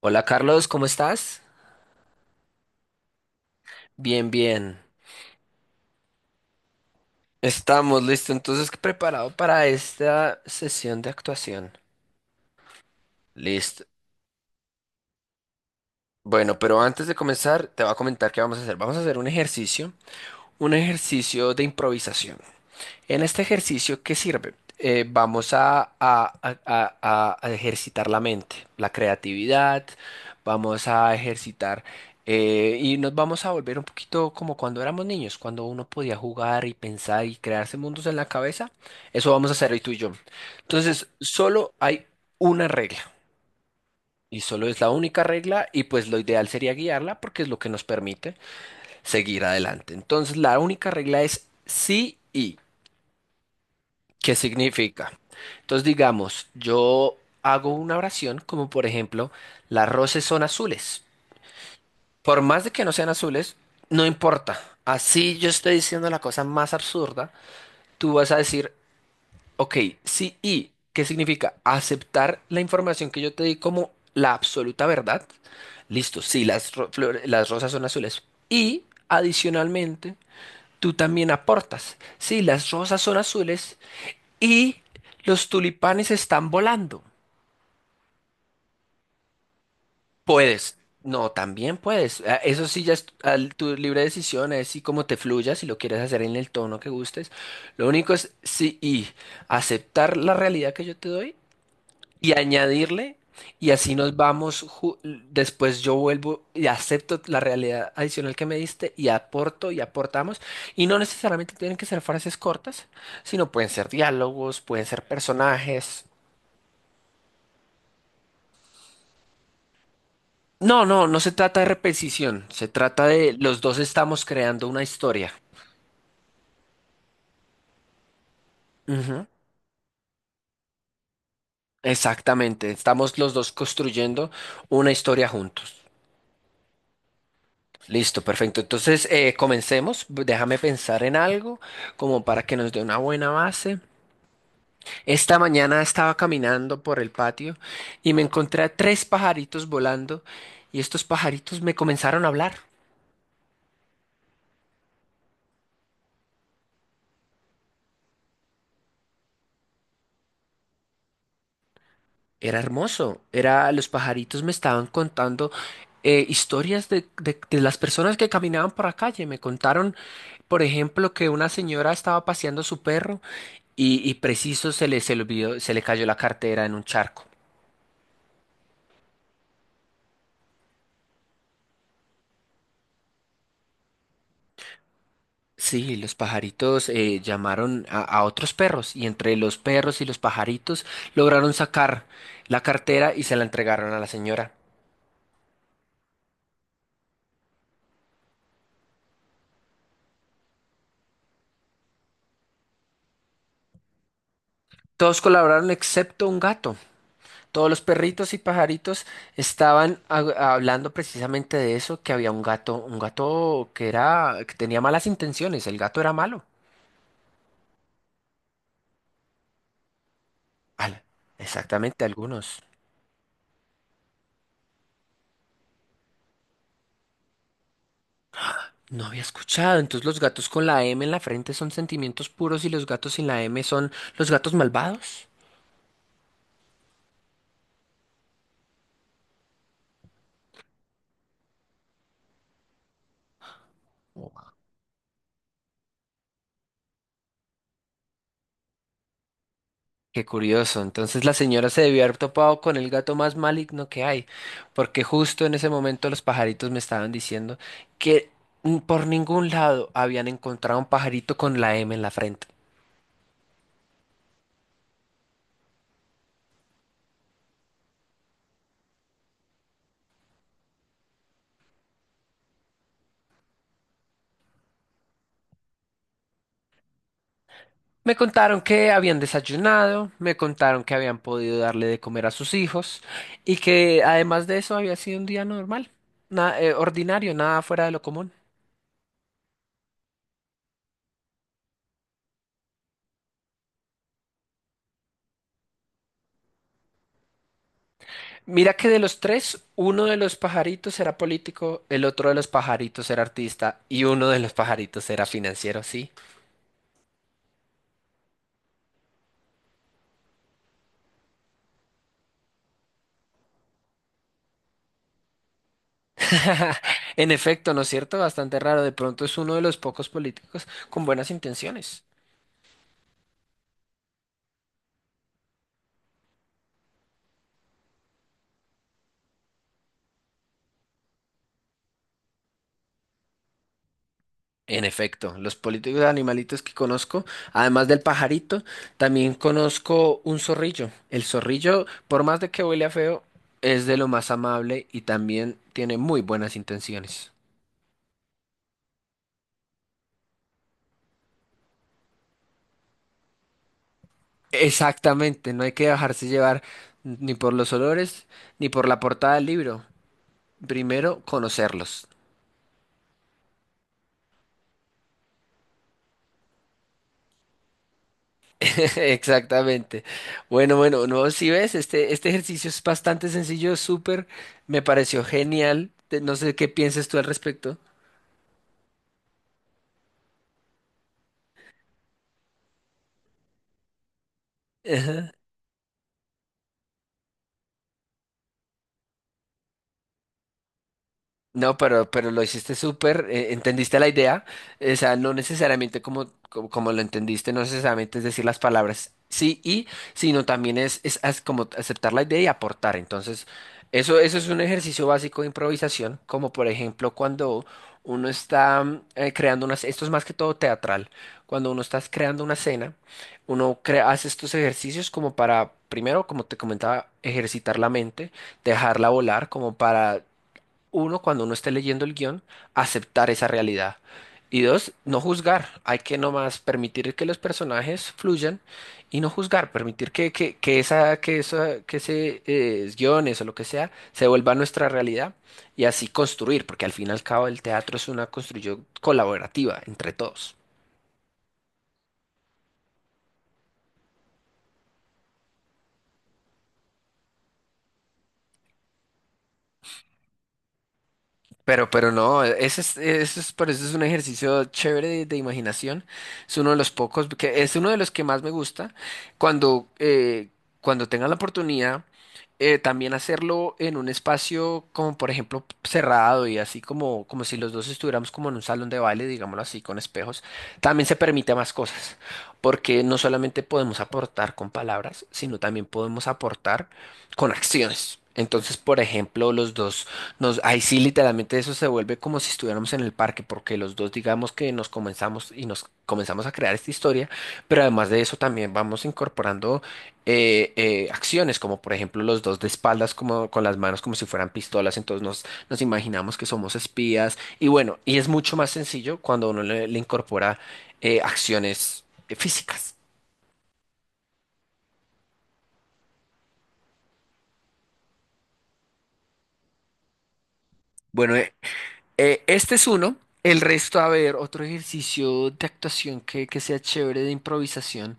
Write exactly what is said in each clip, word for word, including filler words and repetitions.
Hola Carlos, ¿cómo estás? Bien, bien. Estamos listo, entonces preparado para esta sesión de actuación. Listo. Bueno, pero antes de comenzar, te voy a comentar qué vamos a hacer. Vamos a hacer un ejercicio, un ejercicio de improvisación. En este ejercicio, ¿qué sirve? Eh, vamos a, a- a- a- a ejercitar la mente, la creatividad, vamos a ejercitar eh, y nos vamos a volver un poquito como cuando éramos niños, cuando uno podía jugar y pensar y crearse mundos en la cabeza. Eso vamos a hacer hoy tú y yo. Entonces, solo hay una regla y solo es la única regla y pues lo ideal sería guiarla porque es lo que nos permite seguir adelante. Entonces, la única regla es sí y. ¿Qué significa? Entonces, digamos, yo hago una oración como por ejemplo, las rosas son azules. Por más de que no sean azules, no importa. Así yo estoy diciendo la cosa más absurda, tú vas a decir, ok, sí y, ¿qué significa? Aceptar la información que yo te di como la absoluta verdad. Listo, sí, las, ro- flores- las rosas son azules. Y adicionalmente, tú también aportas. Sí, las rosas son azules y los tulipanes están volando. Puedes. No, también puedes. A- Eso sí, ya es tu tu libre decisión, es si como te fluya, si lo quieres hacer en el tono que gustes. Lo único es sí y aceptar la realidad que yo te doy y añadirle, y así nos vamos. ju- Después yo vuelvo y acepto la realidad adicional que me diste y aporto y aportamos. Y no necesariamente tienen que ser frases cortas, sino pueden ser diálogos, pueden ser personajes. No, no, no se trata de repetición, se trata de los dos estamos creando una historia. Ujú. Exactamente, estamos los dos construyendo una historia juntos. Listo, perfecto. Entonces, eh, comencemos. Déjame pensar en algo como para que nos dé una buena base. Esta mañana estaba caminando por el patio y me encontré a tres pajaritos volando y estos pajaritos me comenzaron a hablar. Era hermoso, era, los pajaritos me estaban contando eh, historias de, de- de las personas que caminaban por la calle. Me contaron, por ejemplo, que una señora estaba paseando su perro y, y preciso se le, se le olvidó, se le cayó la cartera en un charco. Sí, los pajaritos eh, llamaron a, a otros perros y entre los perros y los pajaritos lograron sacar la cartera y se la entregaron a la señora. Todos colaboraron excepto un gato. Todos los perritos y pajaritos estaban ha- hablando precisamente de eso, que había un gato, un gato que era, que tenía malas intenciones, el gato era malo. Al- exactamente, algunos. No había escuchado. Entonces los gatos con la M en la frente son sentimientos puros y los gatos sin la M son los gatos malvados. Qué curioso. Entonces la señora se debió haber topado con el gato más maligno que hay, porque justo en ese momento los pajaritos me estaban diciendo que n- por ningún lado habían encontrado un pajarito con la M en la frente. Me contaron que habían desayunado, me contaron que habían podido darle de comer a sus hijos y que además de eso había sido un día normal, na- eh, ordinario, nada fuera de lo común. Mira que de los tres, uno de los pajaritos era político, el otro de los pajaritos era artista y uno de los pajaritos era financiero, sí. En efecto, ¿no es cierto? Bastante raro. De pronto es uno de los pocos políticos con buenas intenciones. En efecto, los políticos animalitos que conozco, además del pajarito, también conozco un zorrillo. El zorrillo, por más de que huele a feo, es de lo más amable y también tiene muy buenas intenciones. Exactamente, no hay que dejarse llevar ni por los olores ni por la portada del libro. Primero, conocerlos. Exactamente. Bueno, bueno, no, si ves, este, este ejercicio es bastante sencillo, súper, me pareció genial. Te- No sé qué piensas tú al respecto. No, pero, pero lo hiciste súper, eh, entendiste la idea, o sea, no necesariamente como, como, como lo entendiste, no necesariamente es decir las palabras sí y, sino también es, es, as- como aceptar la idea y aportar. Entonces, eso, eso es un ejercicio básico de improvisación, como por ejemplo cuando uno está mm, eh, creando unas, esto es más que todo teatral, cuando uno está creando una escena, uno crea, hace estos ejercicios como para, primero, como te comentaba, ejercitar la mente dejarla volar como para uno, cuando uno esté leyendo el guión, aceptar esa realidad. Y dos, no juzgar. Hay que nomás permitir que los personajes fluyan y no juzgar, permitir que, que, que esa, que esa, que ese eh, guiones o lo que sea se vuelva nuestra realidad y así construir, porque al fin y al cabo el teatro es una construcción colaborativa entre todos. Pero, pero no, ese es, eso es, por eso es un ejercicio chévere de, de imaginación. Es uno de los pocos, que es uno de los que más me gusta. Cuando, eh, cuando tenga la oportunidad, eh, también hacerlo en un espacio como, por ejemplo, cerrado y así como, como si los dos estuviéramos como en un salón de baile, digámoslo así, con espejos, también se permite más cosas. Porque no solamente podemos aportar con palabras, sino también podemos aportar con acciones. Entonces, por ejemplo, los dos. Nos, ahí sí, literalmente eso se vuelve como si estuviéramos en el parque, porque los dos digamos que nos comenzamos y nos comenzamos a crear esta historia, pero además de eso también vamos incorporando eh, eh, acciones, como por ejemplo los dos de espaldas, como con las manos como si fueran pistolas, entonces nos, nos imaginamos que somos espías, y bueno, y es mucho más sencillo cuando uno le, le incorpora eh, acciones eh, físicas. Bueno, eh, eh, este es uno. El resto, a ver, otro ejercicio de actuación que, que sea chévere de improvisación.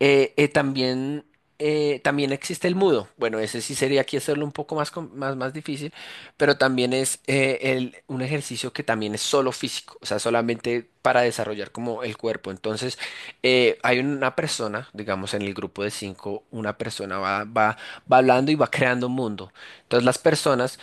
Eh, eh, también, eh, también existe el mudo. Bueno, ese sí sería aquí hacerlo un poco más, com- más, más difícil, pero también es eh, el- un ejercicio que también es solo físico, o sea, solamente para desarrollar como el cuerpo. Entonces, eh, hay una persona, digamos, en el grupo de cinco, una persona va, va, va hablando y va creando un mundo. Entonces, las personas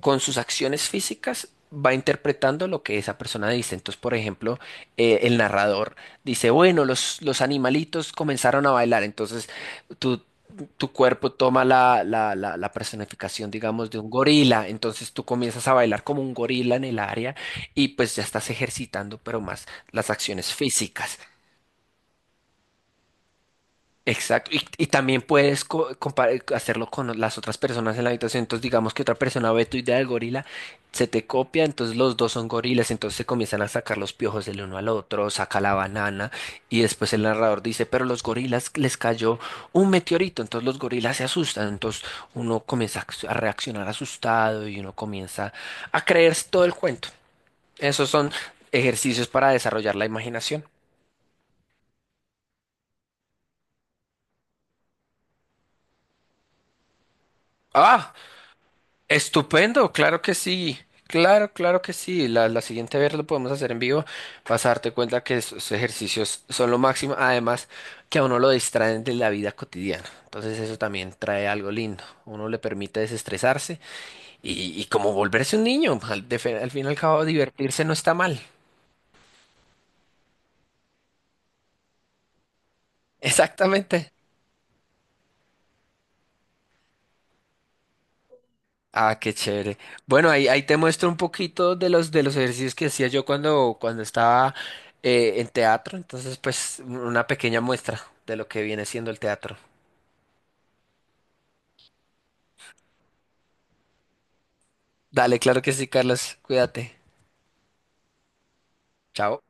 con sus acciones físicas va interpretando lo que esa persona dice. Entonces, por ejemplo, eh, el narrador dice, bueno, los, los animalitos comenzaron a bailar, entonces tú... Tu cuerpo toma la, la, la, la personificación, digamos, de un gorila, entonces tú comienzas a bailar como un gorila en el área y pues ya estás ejercitando, pero más las acciones físicas. Exacto, y, y también puedes co- compar- hacerlo con las otras personas en la habitación. Entonces, digamos que otra persona ve tu idea del gorila, se te copia, entonces los dos son gorilas, entonces se comienzan a sacar los piojos del uno al otro, saca la banana, y después el narrador dice, pero los gorilas les cayó un meteorito, entonces los gorilas se asustan, entonces uno comienza a ac- a reaccionar asustado y uno comienza a creerse todo el cuento. Esos son ejercicios para desarrollar la imaginación. ¡Ah! Estupendo, claro que sí. Claro, claro que sí. La, la siguiente vez lo podemos hacer en vivo. Vas a darte cuenta que esos ejercicios son lo máximo. Además, que a uno lo distraen de la vida cotidiana. Entonces eso también trae algo lindo. Uno le permite desestresarse y, y como volverse un niño. Al, de fe- al fin y al cabo, divertirse no está mal. Exactamente. Ah, qué chévere. Bueno, ahí, ahí te muestro un poquito de los, de los ejercicios que hacía yo cuando, cuando estaba eh, en teatro. Entonces, pues, una pequeña muestra de lo que viene siendo el teatro. Dale, claro que sí, Carlos. Cuídate. Chao.